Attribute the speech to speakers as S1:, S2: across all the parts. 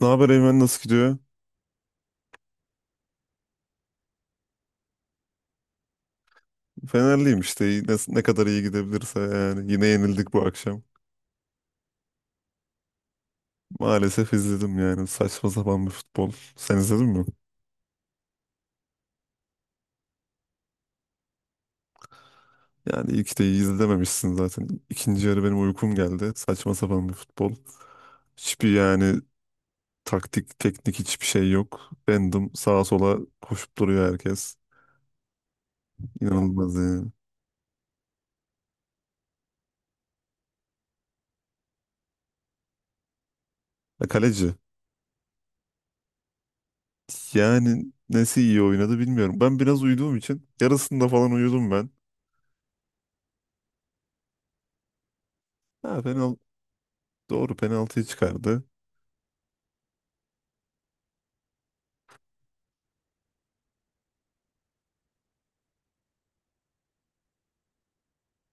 S1: Ne haber Eymen, nasıl gidiyor? Fenerliyim işte. Ne kadar iyi gidebilirse yani. Yine yenildik bu akşam. Maalesef izledim, yani saçma sapan bir futbol. Sen izledin mi? Yani ilk de iyi izlememişsin zaten. İkinci yarı benim uykum geldi. Saçma sapan bir futbol. Hiçbir, yani taktik, teknik hiçbir şey yok. Random sağa sola koşup duruyor herkes. İnanılmaz yani. Ya kaleci. Yani nesi iyi oynadı bilmiyorum. Ben biraz uyuduğum için yarısında falan uyudum ben. Ha, fena. Doğru penaltıyı çıkardı.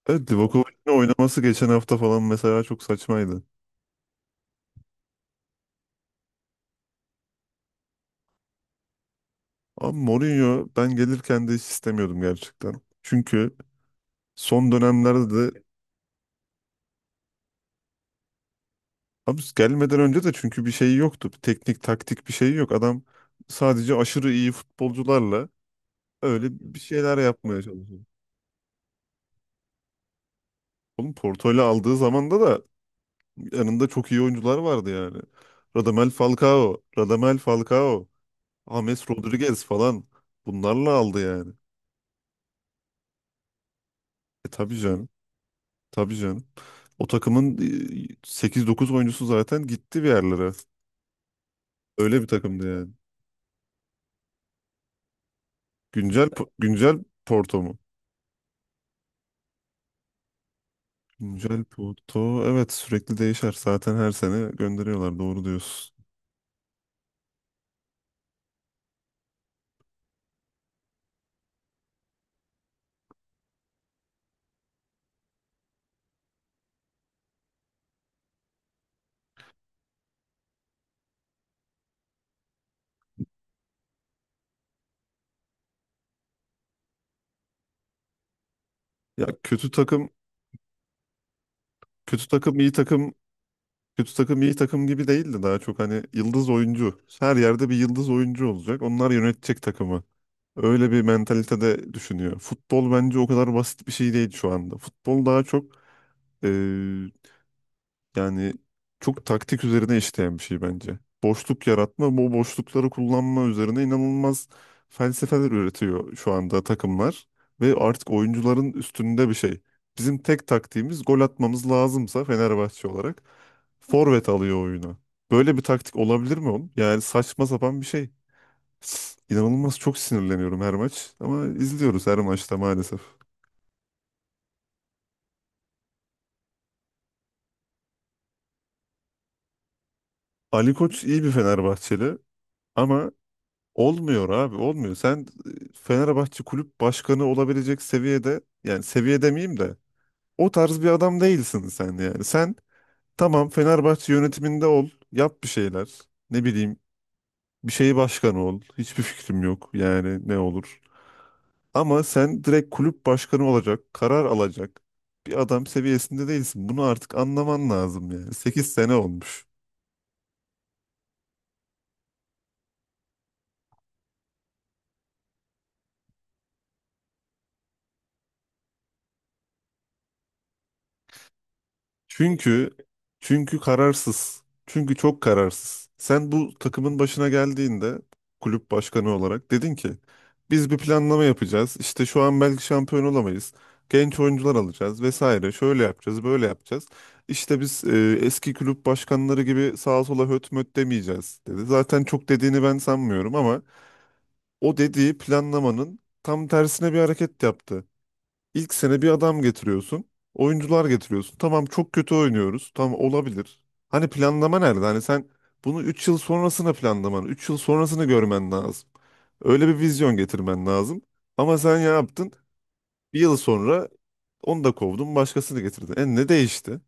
S1: Evet, Livakovic'in oynaması geçen hafta falan mesela çok saçmaydı. Ama Mourinho ben gelirken de hiç istemiyordum gerçekten. Çünkü son dönemlerde de abi gelmeden önce de çünkü bir şey yoktu. Bir teknik taktik bir şey yok. Adam sadece aşırı iyi futbolcularla öyle bir şeyler yapmaya çalışıyor. Oğlum Porto'yla aldığı zamanda da yanında çok iyi oyuncular vardı yani. Radamel Falcao, James Rodriguez falan, bunlarla aldı yani. Tabii canım. Tabii canım. O takımın 8-9 oyuncusu zaten gitti bir yerlere. Öyle bir takımdı yani. Güncel Porto mu? Güncel Porto, evet, sürekli değişer. Zaten her sene gönderiyorlar. Doğru diyorsun. Ya kötü takım, kötü takım iyi takım, kötü takım iyi takım gibi değildi, daha çok hani yıldız oyuncu. Her yerde bir yıldız oyuncu olacak. Onlar yönetecek takımı. Öyle bir mentalitede düşünüyor. Futbol bence o kadar basit bir şey değil şu anda. Futbol daha çok, yani, çok taktik üzerine işleyen bir şey bence. Boşluk yaratma, bu boşlukları kullanma üzerine inanılmaz felsefeler üretiyor şu anda takımlar. Ve artık oyuncuların üstünde bir şey. Bizim tek taktiğimiz gol atmamız lazımsa Fenerbahçe olarak forvet alıyor oyuna. Böyle bir taktik olabilir mi oğlum? Yani saçma sapan bir şey. İnanılmaz çok sinirleniyorum her maç ama izliyoruz her maçta maalesef. Ali Koç iyi bir Fenerbahçeli ama olmuyor abi, olmuyor. Sen Fenerbahçe kulüp başkanı olabilecek seviyede, yani seviye demeyeyim de o tarz bir adam değilsin sen yani. Sen tamam Fenerbahçe yönetiminde ol, yap bir şeyler, ne bileyim, bir şeyi başkanı ol, hiçbir fikrim yok yani ne olur. Ama sen direkt kulüp başkanı olacak, karar alacak bir adam seviyesinde değilsin. Bunu artık anlaman lazım yani. 8 sene olmuş. Çünkü çünkü kararsız. Çünkü çok kararsız. Sen bu takımın başına geldiğinde kulüp başkanı olarak dedin ki biz bir planlama yapacağız. İşte şu an belki şampiyon olamayız. Genç oyuncular alacağız vesaire. Şöyle yapacağız, böyle yapacağız. İşte biz eski kulüp başkanları gibi sağa sola höt möt demeyeceğiz dedi. Zaten çok dediğini ben sanmıyorum ama o dediği planlamanın tam tersine bir hareket yaptı. İlk sene bir adam getiriyorsun. Oyuncular getiriyorsun. Tamam çok kötü oynuyoruz. Tamam olabilir. Hani planlama nerede? Hani sen bunu 3 yıl sonrasına planlaman, 3 yıl sonrasını görmen lazım. Öyle bir vizyon getirmen lazım. Ama sen ya yaptın? Bir yıl sonra onu da kovdun, başkasını getirdin. Ne değişti?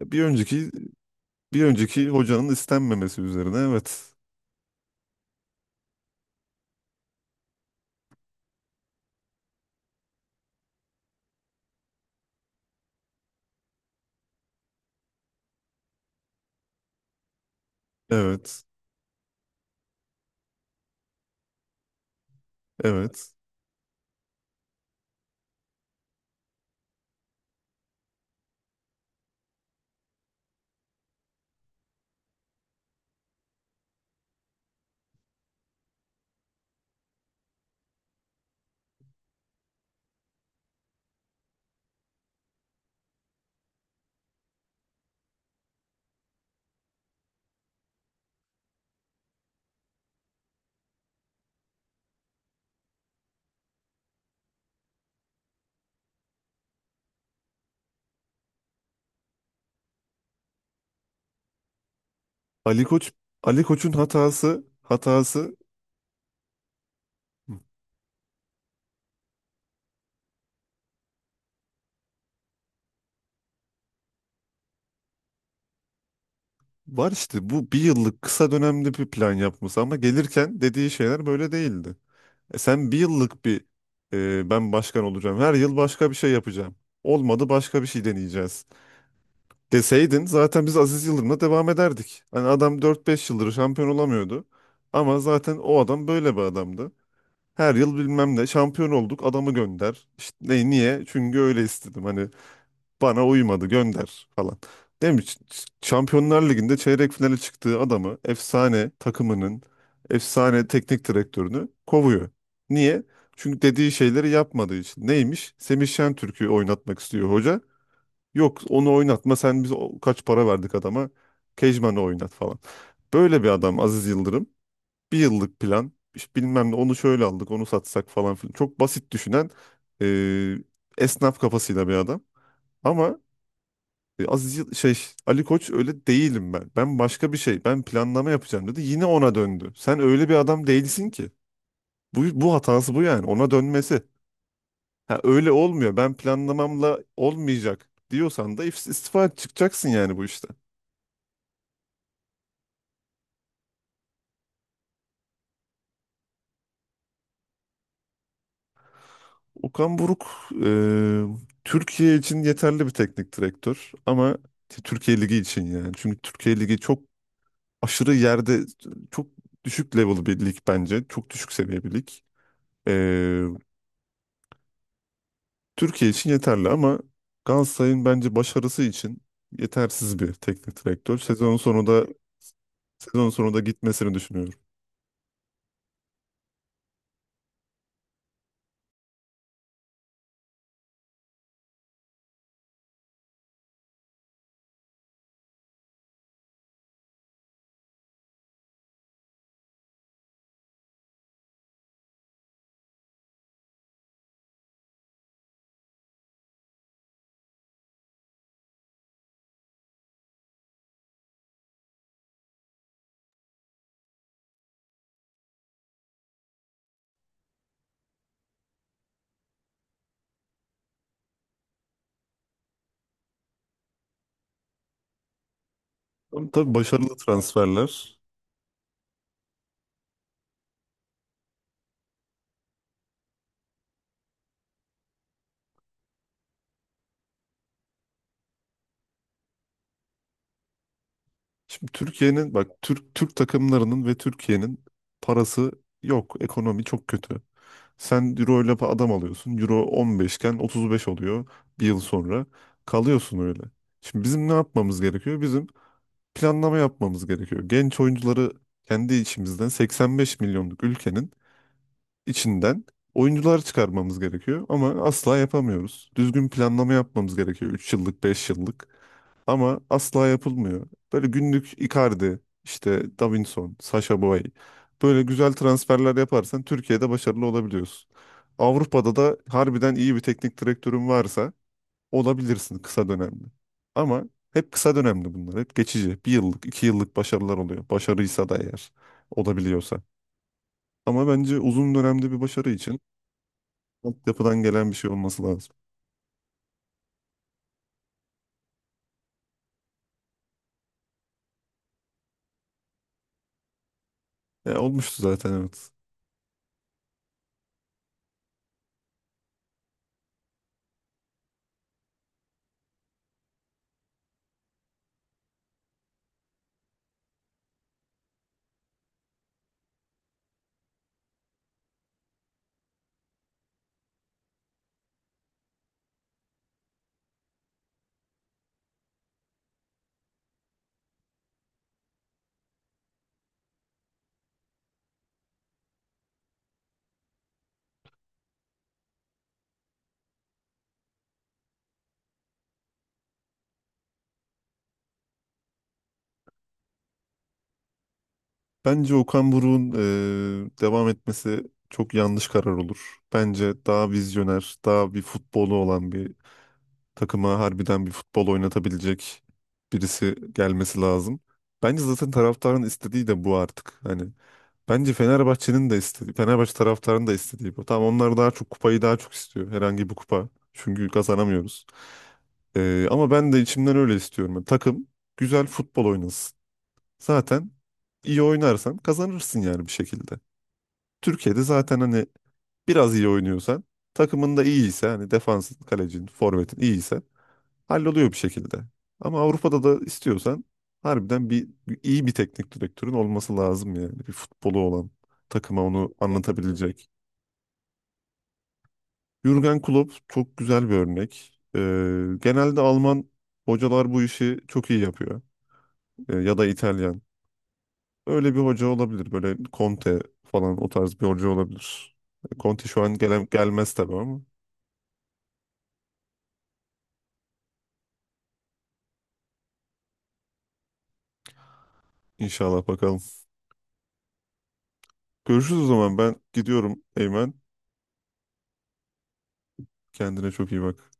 S1: E, Bir önceki bir önceki hocanın istenmemesi üzerine. Evet. Evet. Evet. Ali Koç Ali Koç'un hatası. Var işte, bu bir yıllık kısa dönemli bir plan yapması ama gelirken dediği şeyler böyle değildi. Sen bir yıllık bir, ben başkan olacağım her yıl başka bir şey yapacağım. Olmadı başka bir şey deneyeceğiz deseydin zaten biz Aziz Yıldırım'la devam ederdik. Hani adam dört beş yıldır şampiyon olamıyordu ama zaten o adam böyle bir adamdı. Her yıl bilmem ne şampiyon olduk adamı gönder. İşte niye? Çünkü öyle istedim, hani bana uymadı, gönder falan. Değil mi? Şampiyonlar Ligi'nde çeyrek finale çıktığı adamı, efsane takımının efsane teknik direktörünü kovuyor. Niye? Çünkü dediği şeyleri yapmadığı için. Neymiş? Semih Şentürk'ü oynatmak istiyor hoca. Yok onu oynatma sen, biz kaç para verdik adama. Kejman'ı oynat falan. Böyle bir adam Aziz Yıldırım. Bir yıllık plan. İşte bilmem ne, onu şöyle aldık, onu satsak falan filan. Çok basit düşünen, e, esnaf kafasıyla bir adam. Ama e, Aziz Yıl- şey Ali Koç öyle değilim ben. Ben başka bir şey. Ben planlama yapacağım dedi. Yine ona döndü. Sen öyle bir adam değilsin ki. Bu hatası bu yani. Ona dönmesi. Ha, öyle olmuyor. Ben planlamamla olmayacak diyorsan da istifa et, çıkacaksın yani bu işte. Okan Buruk Türkiye için yeterli bir teknik direktör ama Türkiye Ligi için yani. Çünkü Türkiye Ligi çok aşırı yerde çok düşük level bir lig bence. Çok düşük seviye bir lig. E, Türkiye için yeterli ama Galatasaray'ın bence başarısı için yetersiz bir teknik direktör. Sezon sonu da gitmesini düşünüyorum. Ama tabii başarılı transferler. Şimdi Türkiye'nin bak, Türk takımlarının ve Türkiye'nin parası yok. Ekonomi çok kötü. Sen Euro ile adam alıyorsun. Euro 15 iken 35 oluyor bir yıl sonra. Kalıyorsun öyle. Şimdi bizim ne yapmamız gerekiyor? Bizim planlama yapmamız gerekiyor. Genç oyuncuları kendi içimizden, 85 milyonluk ülkenin içinden oyuncular çıkarmamız gerekiyor ama asla yapamıyoruz. Düzgün planlama yapmamız gerekiyor, 3 yıllık, 5 yıllık, ama asla yapılmıyor. Böyle günlük Icardi, işte Davinson, Sasha Boy, böyle güzel transferler yaparsan Türkiye'de başarılı olabiliyorsun. Avrupa'da da harbiden iyi bir teknik direktörün varsa olabilirsin kısa dönemde. Ama hep kısa dönemli bunlar. Hep geçici. Bir yıllık, 2 yıllık başarılar oluyor. Başarıysa da eğer olabiliyorsa. Ama bence uzun dönemde bir başarı için altyapıdan gelen bir şey olması lazım. Ya olmuştu zaten, evet. Bence Okan Buruk'un devam etmesi çok yanlış karar olur. Bence daha vizyoner, daha bir futbolu olan, bir takıma harbiden bir futbol oynatabilecek birisi gelmesi lazım. Bence zaten taraftarın istediği de bu artık. Hani, bence Fenerbahçe'nin de istediği, Fenerbahçe taraftarının da istediği bu. Tamam, onlar daha çok kupayı daha çok istiyor. Herhangi bir kupa. Çünkü kazanamıyoruz. Ama ben de içimden öyle istiyorum. Yani takım güzel futbol oynasın. Zaten iyi oynarsan kazanırsın yani bir şekilde. Türkiye'de zaten hani biraz iyi oynuyorsan, takımın da iyiyse, hani defansın, kalecin, forvetin iyiyse halloluyor bir şekilde. Ama Avrupa'da da istiyorsan harbiden iyi bir teknik direktörün olması lazım yani. Bir futbolu olan, takıma onu anlatabilecek. Jürgen Klopp çok güzel bir örnek. Genelde Alman hocalar bu işi çok iyi yapıyor. Ya da İtalyan. Öyle bir hoca olabilir. Böyle Conte falan o tarz bir hoca olabilir. Conte şu an gelmez tabii ama inşallah bakalım. Görüşürüz o zaman, ben gidiyorum Eymen. Kendine çok iyi bak.